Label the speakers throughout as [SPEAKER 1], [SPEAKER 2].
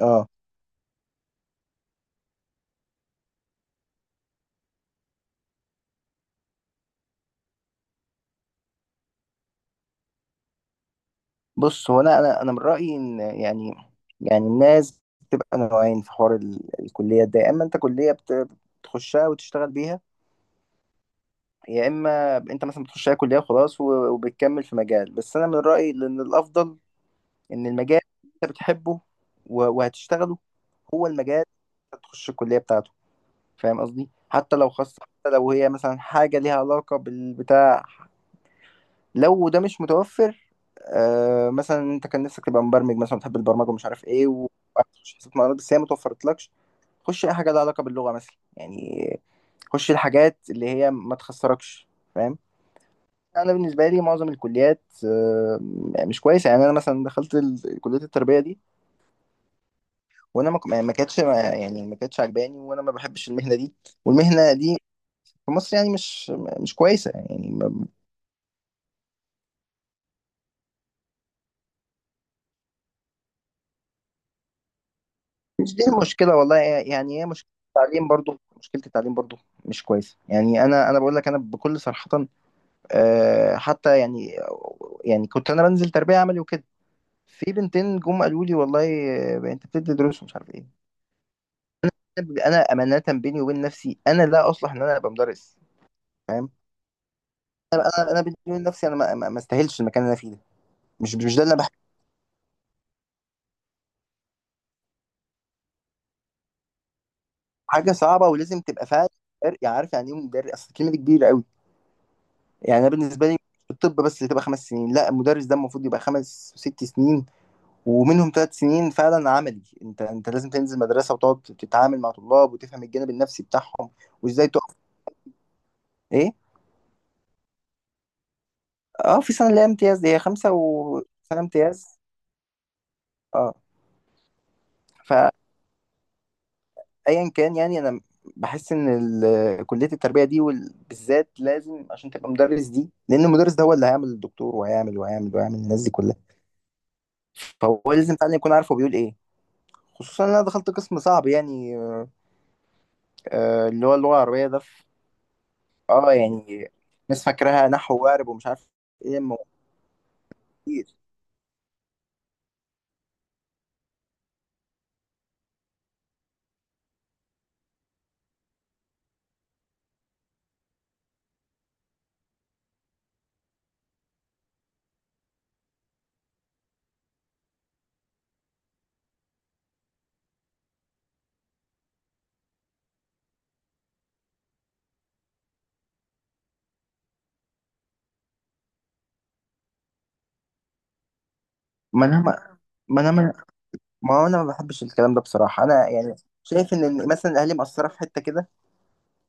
[SPEAKER 1] اه، بص. هو انا من رايي ان يعني الناس بتبقى نوعين في حوار الكليه ده، يا اما انت كليه بتخشها وتشتغل بيها، يا اما انت مثلا بتخشها كليه وخلاص وبتكمل في مجال. بس انا من رايي ان الافضل ان المجال اللي انت بتحبه وهتشتغله هو المجال اللي تخش الكليه بتاعته. فاهم قصدي؟ حتى لو خاصه، حتى لو هي مثلا حاجه ليها علاقه بالبتاع، لو ده مش متوفر. آه، مثلا انت كان نفسك تبقى مبرمج مثلا، بتحب البرمجه ومش عارف ايه، وتخش حسابات معلومات بس هي ما توفرتلكش. خش اي حاجه لها علاقه باللغه مثلا يعني. خش الحاجات اللي هي ما تخسركش. فاهم؟ انا بالنسبه لي معظم الكليات مش كويسه يعني. انا مثلا دخلت كليه التربيه دي، وانا ما ك- ما كانتش ما- يعني ما كانتش عجباني، وانا ما بحبش المهنه دي. والمهنه دي في مصر يعني مش كويسه يعني. مش دي المشكلة والله، يعني هي مشكلة التعليم برضو، مشكلة التعليم برضو مش كويسة يعني. أنا بقول لك أنا بكل صراحة، حتى يعني. يعني كنت أنا بنزل تربية عملي وكده، في بنتين جم قالوا لي والله، أنت بتدي دروس ومش عارف إيه. أنا أمانة بيني وبين نفسي أنا لا أصلح إن أنا أبقى مدرس. فاهم؟ أنا بيني وبين نفسي أنا ما استاهلش المكان اللي أنا فيه ده. مش ده اللي أنا بحبه. حاجة صعبة ولازم تبقى فاهم. عارف يعني إيه مدرس؟ أصل الكلمة دي كبيرة قوي. يعني انا بالنسبه لي، في الطب بس تبقى 5 سنين، لا المدرس ده المفروض يبقى 5 و6 سنين، ومنهم 3 سنين فعلا عملي. انت لازم تنزل مدرسه وتقعد تتعامل مع طلاب وتفهم الجانب النفسي بتاعهم، وازاي تقف. ايه؟ اه، في سنه اللي هي امتياز، دي هي خمسه وسنه امتياز. اه. فايا، كان يعني انا بحس ان كليه التربيه دي بالذات لازم عشان تبقى مدرس دي، لان المدرس ده هو اللي هيعمل الدكتور وهيعمل وهيعمل وهيعمل الناس دي كلها. فهو لازم فعلا يكون عارف هو بيقول ايه. خصوصا إن أنا دخلت قسم صعب يعني، اللي هو اللغة العربية ده. في اه يعني ناس فاكراها نحو وقارب ومش عارف ايه. ما هو كتير. ما انا ما ما انا ما ما هو انا ما بحبش الكلام ده بصراحة، انا يعني شايف ان إن مثلا الاهالي مقصرة في حتة كده.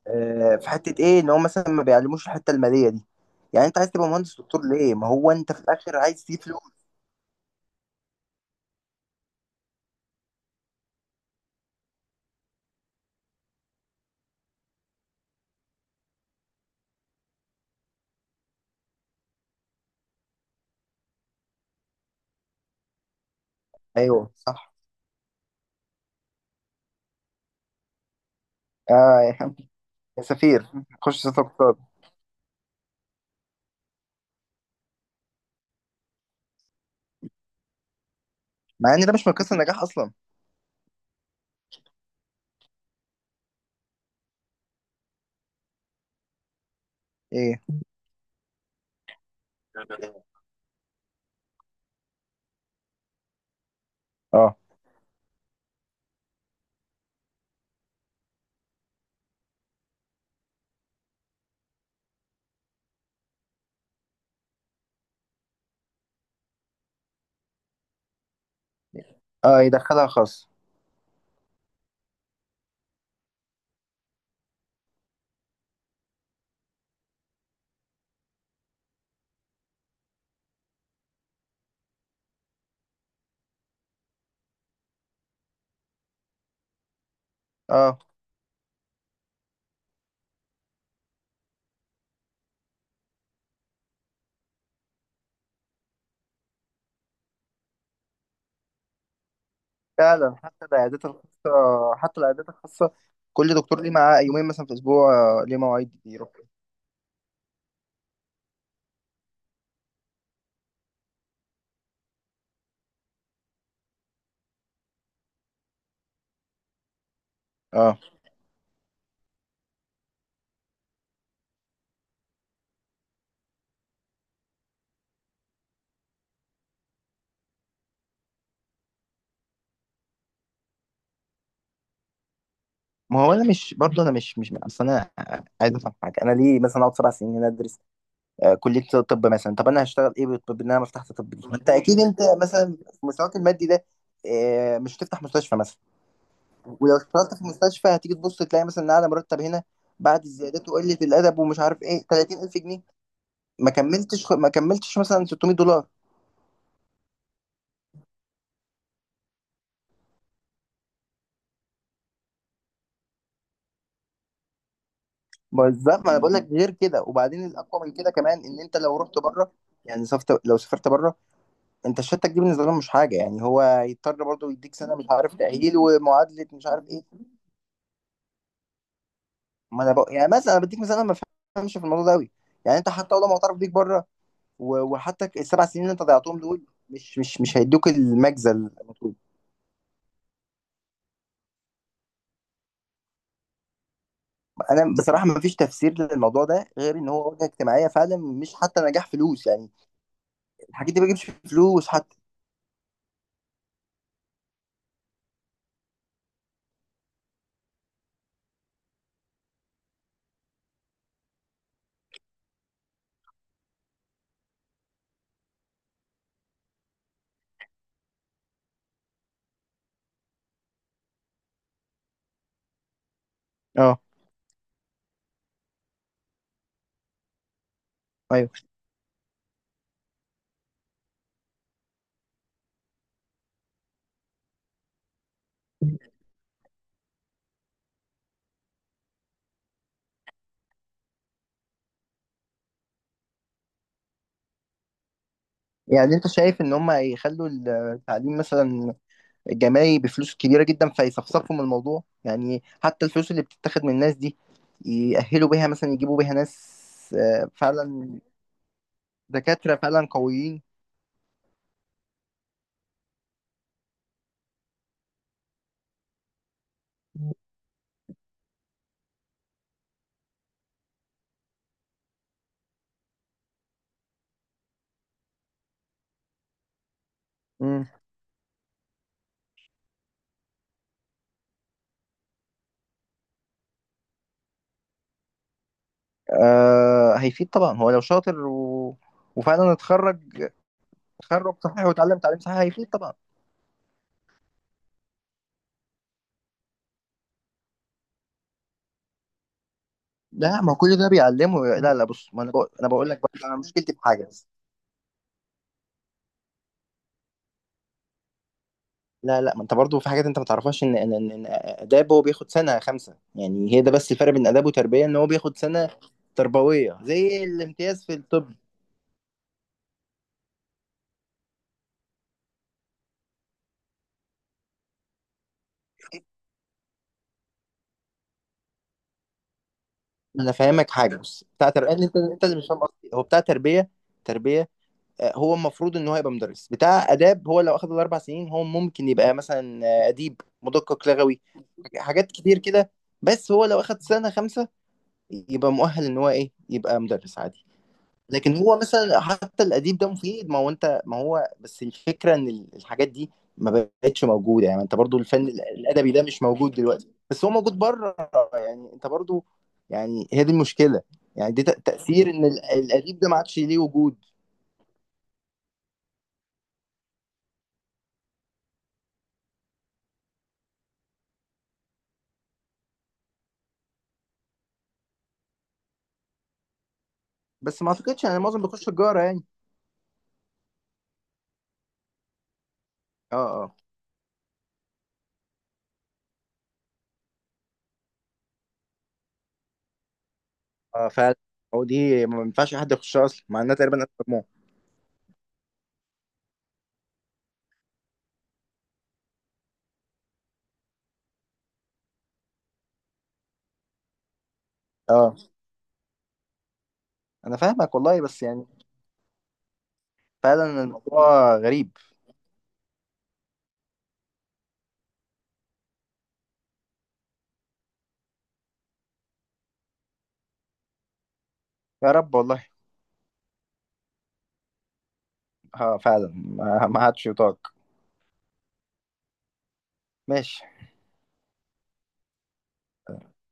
[SPEAKER 1] في حتة ايه؟ ان هو مثلا ما بيعلموش الحتة المالية دي. يعني انت عايز تبقى مهندس دكتور ليه؟ ما هو انت في الاخر عايز تجيب فلوس. ايوه صح. اه يا عم. يا سفير خش سياسة اقتصاد. مع ان ده مش من قصة النجاح اصلا. ايه؟ اه. اه، يدخلها خاص. اه فعلا، حتى العيادات الخاصة. حتى العيادات الخاصة كل دكتور ليه معاه يومين مثلا في الأسبوع، ليه مواعيد بيروح فيها. اه. ما هو انا مش برضه، انا مش اصل انا عايز افهم حاجه. انا ليه مثلا اقعد سبع سنين هنا ادرس كليه طب مثلا؟ طب انا هشتغل ايه بالطب؟ ان انا ما فتحت طب دي، ما انت اكيد انت مثلا في مستواك المادي ده مش هتفتح مستشفى مثلا. ولو اشتغلت في مستشفى هتيجي تبص تلاقي مثلا إن اعلى مرتب هنا بعد الزيادات وقله الادب ومش عارف ايه 30,000 جنيه. ما كملتش مثلا 600 دولار. بالظبط. ما انا بقول لك غير كده. وبعدين الاقوى من كده كمان ان انت لو رحت بره، يعني سافرت، لو سافرت بره، انت الشهادتك دي بالنسبه لهم مش حاجه يعني. هو يضطر برضه يديك سنه مش عارف تاهيل ومعادله مش عارف ايه. ما انا بقى يعني مثلا انا بديك مثال، انا ما بفهمش في الموضوع ده قوي. يعني انت حتى لو معترف بيك بره، وحتى الـ7 سنين اللي انت ضيعتهم دول مش هيدوك المجزى المطلوب. انا بصراحه ما فيش تفسير للموضوع ده غير ان هو وجهه اجتماعيه فعلا، مش حتى نجاح فلوس يعني. الحاجات دي ما بتجيبش فلوس حتى. اه. ايوه. يعني انت شايف ان هم يخلوا التعليم مثلا الجامعي بفلوس كبيره جدا، فيصفصفوا من الموضوع يعني؟ حتى الفلوس اللي بتتاخد من الناس دي يأهلوا بيها مثلا، يجيبوا بيها ناس فعلا دكاتره فعلا قويين. مم. آه هيفيد طبعا. هو لو شاطر وفعلا اتخرج، تخرج صحيح واتعلم تعليم صحيح، هيفيد طبعا. لا ما هو كل ده بيعلمه. لا لا بص، ما انا بقول انا بقول لك بقى، انا مشكلتي في حاجه. لا لا، ما انت برضو في حاجات انت ما تعرفهاش، ان إن اداب هو بياخد سنه خمسه يعني. هي ده بس الفرق بين اداب وتربيه، ان هو بياخد سنه تربويه زي الامتياز في الطب. انا فاهمك حاجه، بص. بتاع تربيه، انت اللي مش فاهم قصدي. هو بتاع تربيه تربيه، هو المفروض ان هو يبقى مدرس بتاع اداب. هو لو اخد الاربع سنين، هو ممكن يبقى مثلا اديب، مدقق لغوي، حاجات كتير كده. بس هو لو اخد سنه خمسه، يبقى مؤهل ان هو ايه؟ يبقى مدرس عادي. لكن هو مثلا حتى الاديب ده مفيد. ما هو انت، ما هو بس الفكره ان الحاجات دي ما بقتش موجوده يعني. انت برضو الفن الادبي ده مش موجود دلوقتي، بس هو موجود بره. يعني انت برضو، يعني هي دي المشكله. يعني دي تاثير ان الاديب ده ما عادش ليه وجود. بس ما اعتقدش، يعني معظم بيخش تجاره يعني. اه. اه. اه فعلا. هو دي ما ينفعش حد يخشها اصلا مع انها تقريبا ألف مجموعه. اه. انا فاهمك والله، بس يعني فعلا الموضوع غريب. يا رب والله. اه فعلا، ما ما عادش يطاق. ماشي.